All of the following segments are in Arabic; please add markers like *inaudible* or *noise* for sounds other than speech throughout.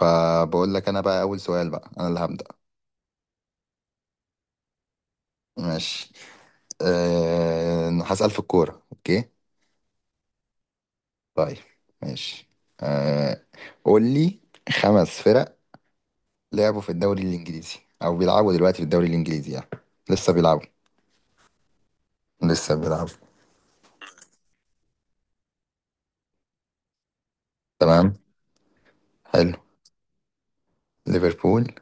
فبقول لك انا بقى اول سؤال بقى انا اللي هبدأ. ماشي. هسأل في الكورة. اوكي. طيب ماشي. أه... قول لي خمس فرق لعبوا في الدوري الانجليزي او بيلعبوا دلوقتي في الدوري الانجليزي يعني. لسه بيلعبوا لسه بيلعبوا. تمام. حلو. ليفربول.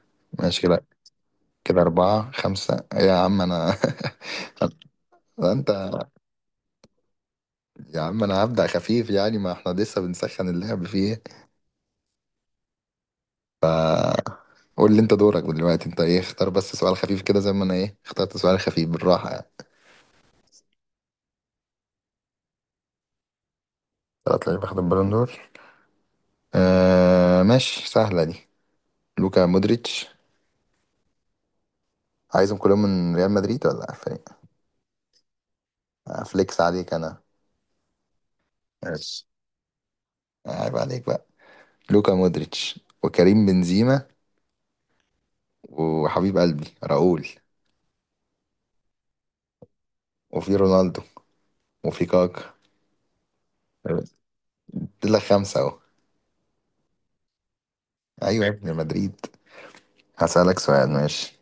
ماشي كده. كده أربعة خمسة إيه يا عم أنا؟ *laughs* أنت يا عم أنا هبدأ خفيف يعني، ما إحنا لسه بنسخن اللعب فيه. قول لي انت، دورك دلوقتي انت ايه، اختار بس سؤال خفيف كده زي ما انا ايه اخترت سؤال خفيف بالراحه يعني. طلعت لعيب اخد البالون دور. آه ماشي، سهله دي. لوكا مودريتش. عايزهم كلهم من ريال مدريد ولا فريق؟ افليكس عليك انا. ماشي. عيب عليك بقى. لوكا مودريتش وكريم بنزيما وحبيب قلبي راؤول وفي رونالدو وفي كاكا. دي لك خمسه اهو. ايوه يا ابن مدريد. هسألك سؤال، ماشي؟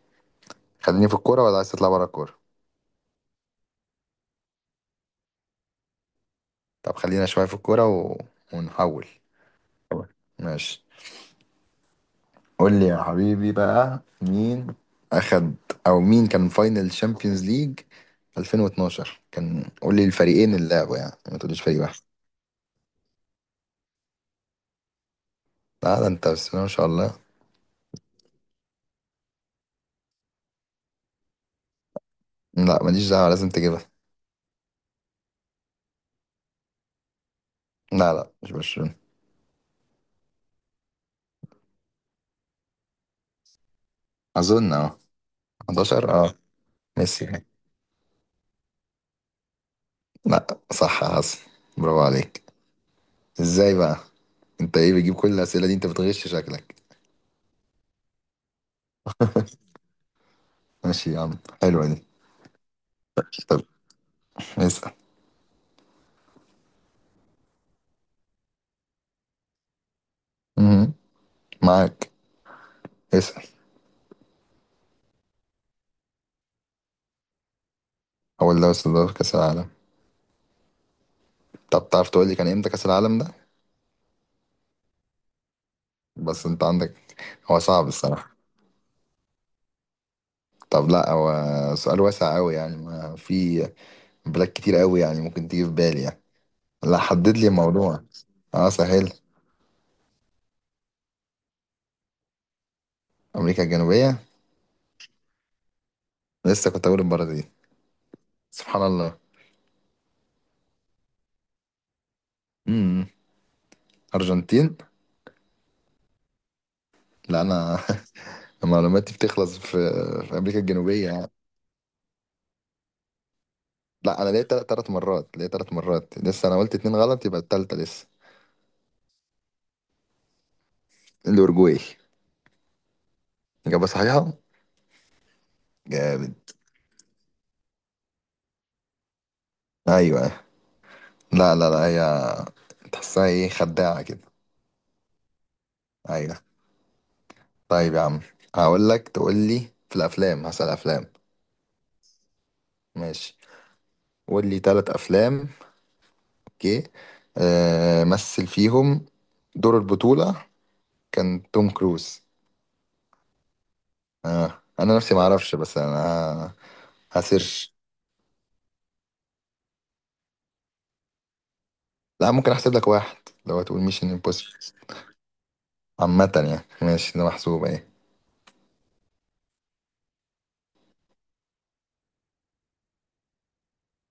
خليني في الكوره ولا عايز تطلع بره الكوره؟ طب خلينا شويه في الكوره و ونحول ماشي. قول لي يا حبيبي بقى، مين اخد او مين كان فاينل شامبيونز ليج 2012؟ كان قول لي الفريقين اللي لعبوا يعني، ما تقوليش فريق واحد. لا ده انت بس ما شاء الله. لا ماليش دعوه، لازم تجيبها. لا لا، مش برشلونه. اظن اه. 11 اه. ميسي. لا. صح يا حسن، برافو عليك. ازاي بقى؟ انت ايه بتجيب كل الاسئله دي؟ انت بتغش شكلك. ماشي يا عم، حلوه دي. طب اسال. مهم، معاك. اسال. هو اللي وصل دور كاس العالم. طب تعرف تقول لي كان امتى كأس العالم ده؟ بس انت عندك. هو صعب الصراحة. طب لا، هو سؤال واسع قوي يعني، ما في بلاد كتير قوي يعني ممكن تيجي في بالي يعني. لا حدد لي الموضوع. اه سهل. امريكا الجنوبية. لسه كنت اقول البرازيل. سبحان الله. امم ارجنتين. لا انا. *laughs* معلوماتي بتخلص في في امريكا الجنوبية يعني. لا، انا ليا ثلاث مرات، ليا ثلاث مرات لسه، انا قلت اتنين غلط يبقى التالتة لسه. الاورجواي. اجابة صحيحة. جامد. ايوه. لا لا لا، هي تحسها ايه، خداعة كده. ايوه. طيب يا عم، هقول لك تقول لي في الافلام، هسأل افلام. ماشي. قول لي ثلاث افلام. اوكي. آه، مثل فيهم دور البطولة كان توم كروز. آه انا نفسي ما اعرفش بس انا هسيرش. لا ممكن احسب لك واحد لو هتقول ميشن امبوسيبل. عامة يعني. ماشي، ده محسوب اهي.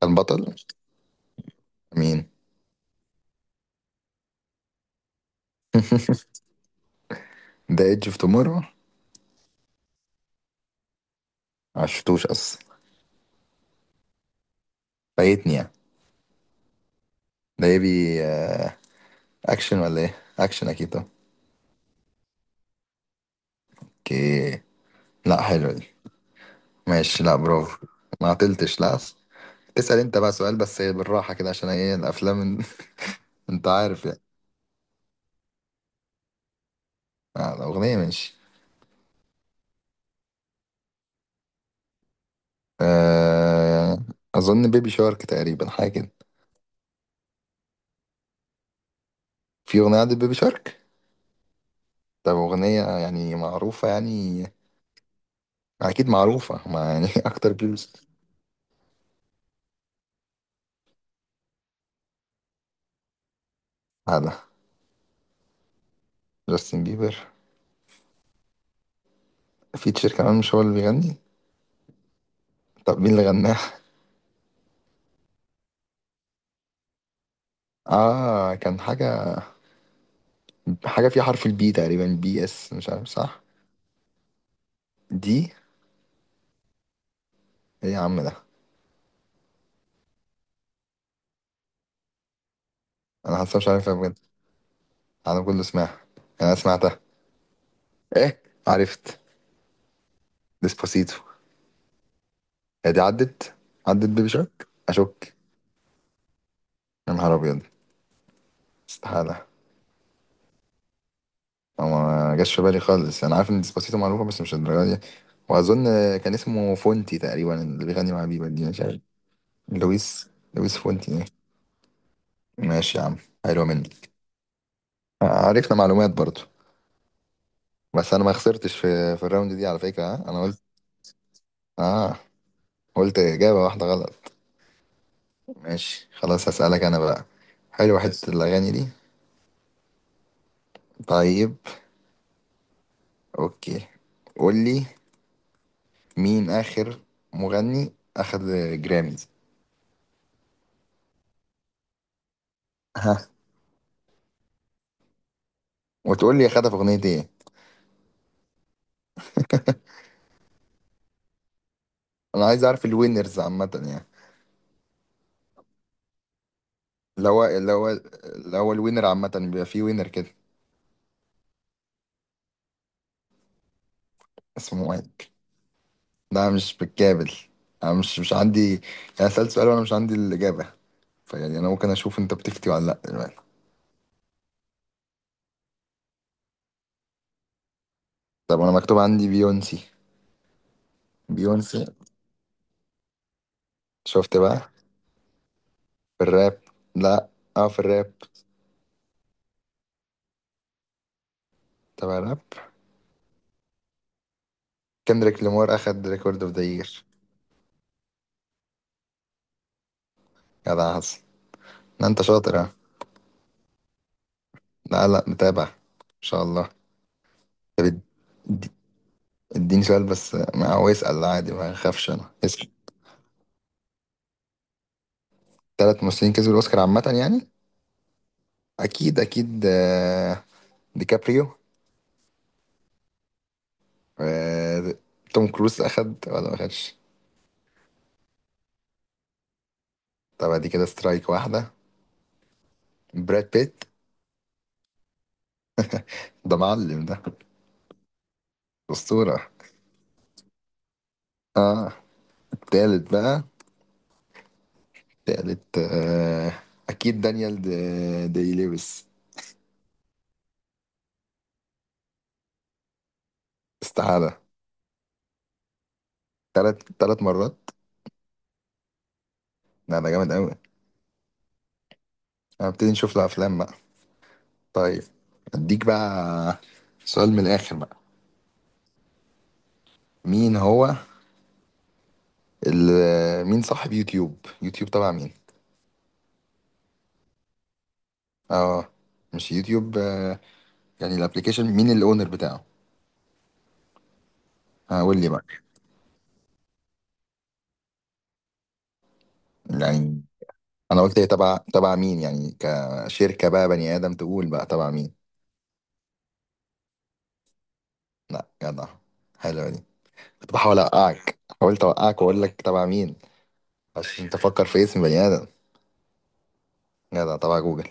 البطل. مين؟ ذا ايدج اوف تومورو. عشتوش اصلا. فايتني يعني. ده يبي اكشن ولا ايه؟ اكشن اكيد طبعا. اوكي. لا حلو دي. ماشي، لا برافو. ما عطلتش لا. تسأل انت بقى سؤال بس إيه، بالراحة كده عشان ايه، الافلام. *laughs* انت عارف يعني. آه، الاغنية ماشي. أه... اظن بيبي شارك تقريبا، حاجة كده. في اغنية عند بيبي شارك؟ طب اغنية يعني معروفة يعني. اكيد معروفة ما يعني *laughs* اكتر بلوز. هذا جاستن بيبر؟ فيتشر كمان مش هو اللي بيغني. طب مين اللي غناها؟ اه كان حاجة، حاجة فيها حرف البي تقريبا، بي اس مش عارف صح. دي. ايه يا عم ده؟ انا حاسس مش عارفها بجد. انا كله سمعها. انا سمعتها. ايه. عرفت. ديسباسيتو. هي دي عدت. عدت بيبي شارك؟ اشك. يا نهار ابيض. استحاله. أو ما جاش في بالي خالص، انا عارف ان ديسباسيتو معروفه بس مش الدرجه دي. واظن كان اسمه فونتي تقريبا اللي بيغني مع بيبا، دي مش عارف. لويس. لويس فونتي إيه؟ ماشي يا عم، حلو منك. آه، عرفنا معلومات برضو. بس انا ما خسرتش في الراوند دي على فكره، ها؟ انا قلت اه. قلت اجابه واحده غلط. ماشي خلاص، هسألك أنا بقى. حلو حتة، اسأل الأغاني دي. طيب. أوكي. قول لي مين آخر مغني أخد جراميز. ها. وتقول لي أخدها في أغنية إيه. أنا عايز أعرف الوينرز عامة يعني. اللي هو، اللي هو، اللي هو الوينر عامة بيبقى فيه وينر كده. اسمه مايك. ده مش بالكامل. أنا مش عندي. يعني سألت سؤال وأنا مش عندي الإجابة، فيعني أنا ممكن أشوف أنت بتفتي ولا لأ دلوقتي. طب أنا مكتوب عندي بيونسي. بيونسي. شفت بقى. في الراب. لا اه، في الراب. تبع الراب. كندريك لامار اخد ريكورد اوف ذا يير. جدع حسن. لا انت شاطر اه. لا لا، متابع. ان شاء الله. طب اد- اديني سؤال بس، ما هو اسال عادي، ما اخافش انا، اسال. ثلاث ممثلين كسبوا الاوسكار عامه يعني. اكيد، آه، ديكابريو. آه، توم كروز اخد ولا ما اخدش؟ طب دي كده سترايك واحده. براد بيت. ده معلم ده. اسطوره. اه. التالت بقى. تالت آه، أكيد دانيال دي, دي لويس. استحالة. تلات، تلات مرات. لا ده جامد أوي. هبتدي نشوف له أفلام بقى. طيب. أديك بقى سؤال من الآخر بقى. مين هو ال... مين صاحب يوتيوب؟ يوتيوب تبع مين؟ اه مش يوتيوب آه، يعني الابليكيشن، مين الاونر بتاعه؟ آه، قول لي بقى. يعني انا قلت ايه، تبع مين يعني كشركة بقى، بني آدم تقول بقى تبع مين. لا جدع، حلو. كنت بحاول اوقعك، حاولت اوقعك واقول لك تبع مين عشان تفكر في اسم بني ادم. جدع، تبع جوجل.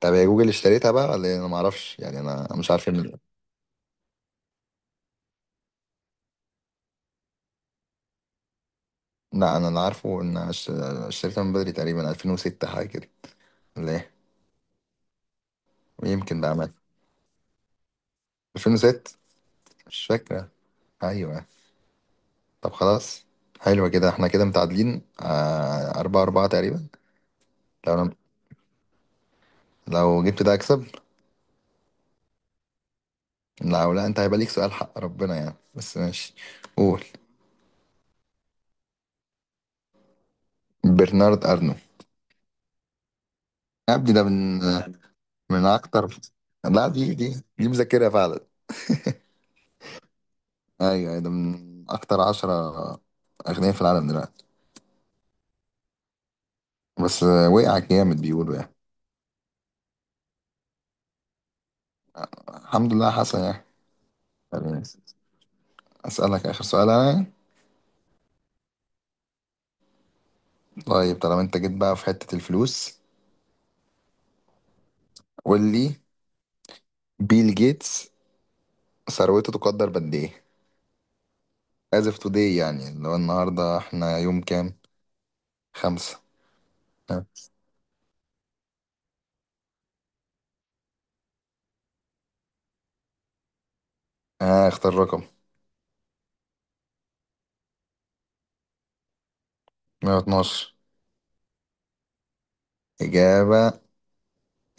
طب هي جوجل اشتريتها بقى ولا إيه؟ انا ما اعرفش يعني، انا مش عارف لا انا اللي عارفه ان أنا اشتريتها من بدري، تقريبا 2006 حاجه كده، ولا ايه؟ يمكن بقى مات 2006 مش فاكره. ايوه. طب خلاص، حلوه كده، احنا كده متعادلين أربعة أربعة تقريبا. لو أنا... لو جبت ده اكسب. لو لا انت هيبقى ليك سؤال حق ربنا يعني، بس ماشي. قول. برنارد ارنو. يا ابني ده من من اكتر. لا دي مذاكرها فعلا. ايوه أيوة، ده من اكتر عشرة اغنياء في العالم دلوقتي. بس وقع جامد بيقولوا يعني. الحمد لله حسن يعني. خليني اسالك اخر سؤال انا. طيب، طالما انت جيت بقى في حتة الفلوس، قول لي بيل جيتس ثروته تقدر بقد ايه as of today يعني، اللي هو النهارده احنا يوم كام، خمسة. اه، اختار رقم. 112. اجابة،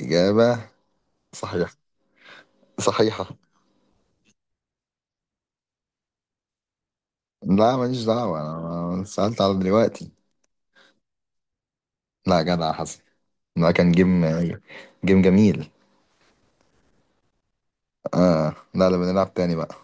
اجابة صحيحة، صحيحة لا ماليش دعوة، أنا أنا سألت على دلوقتي. لا جدع حسن، ده كان جيم. جيم جميل. آه لا لا، بنلعب تاني بقى.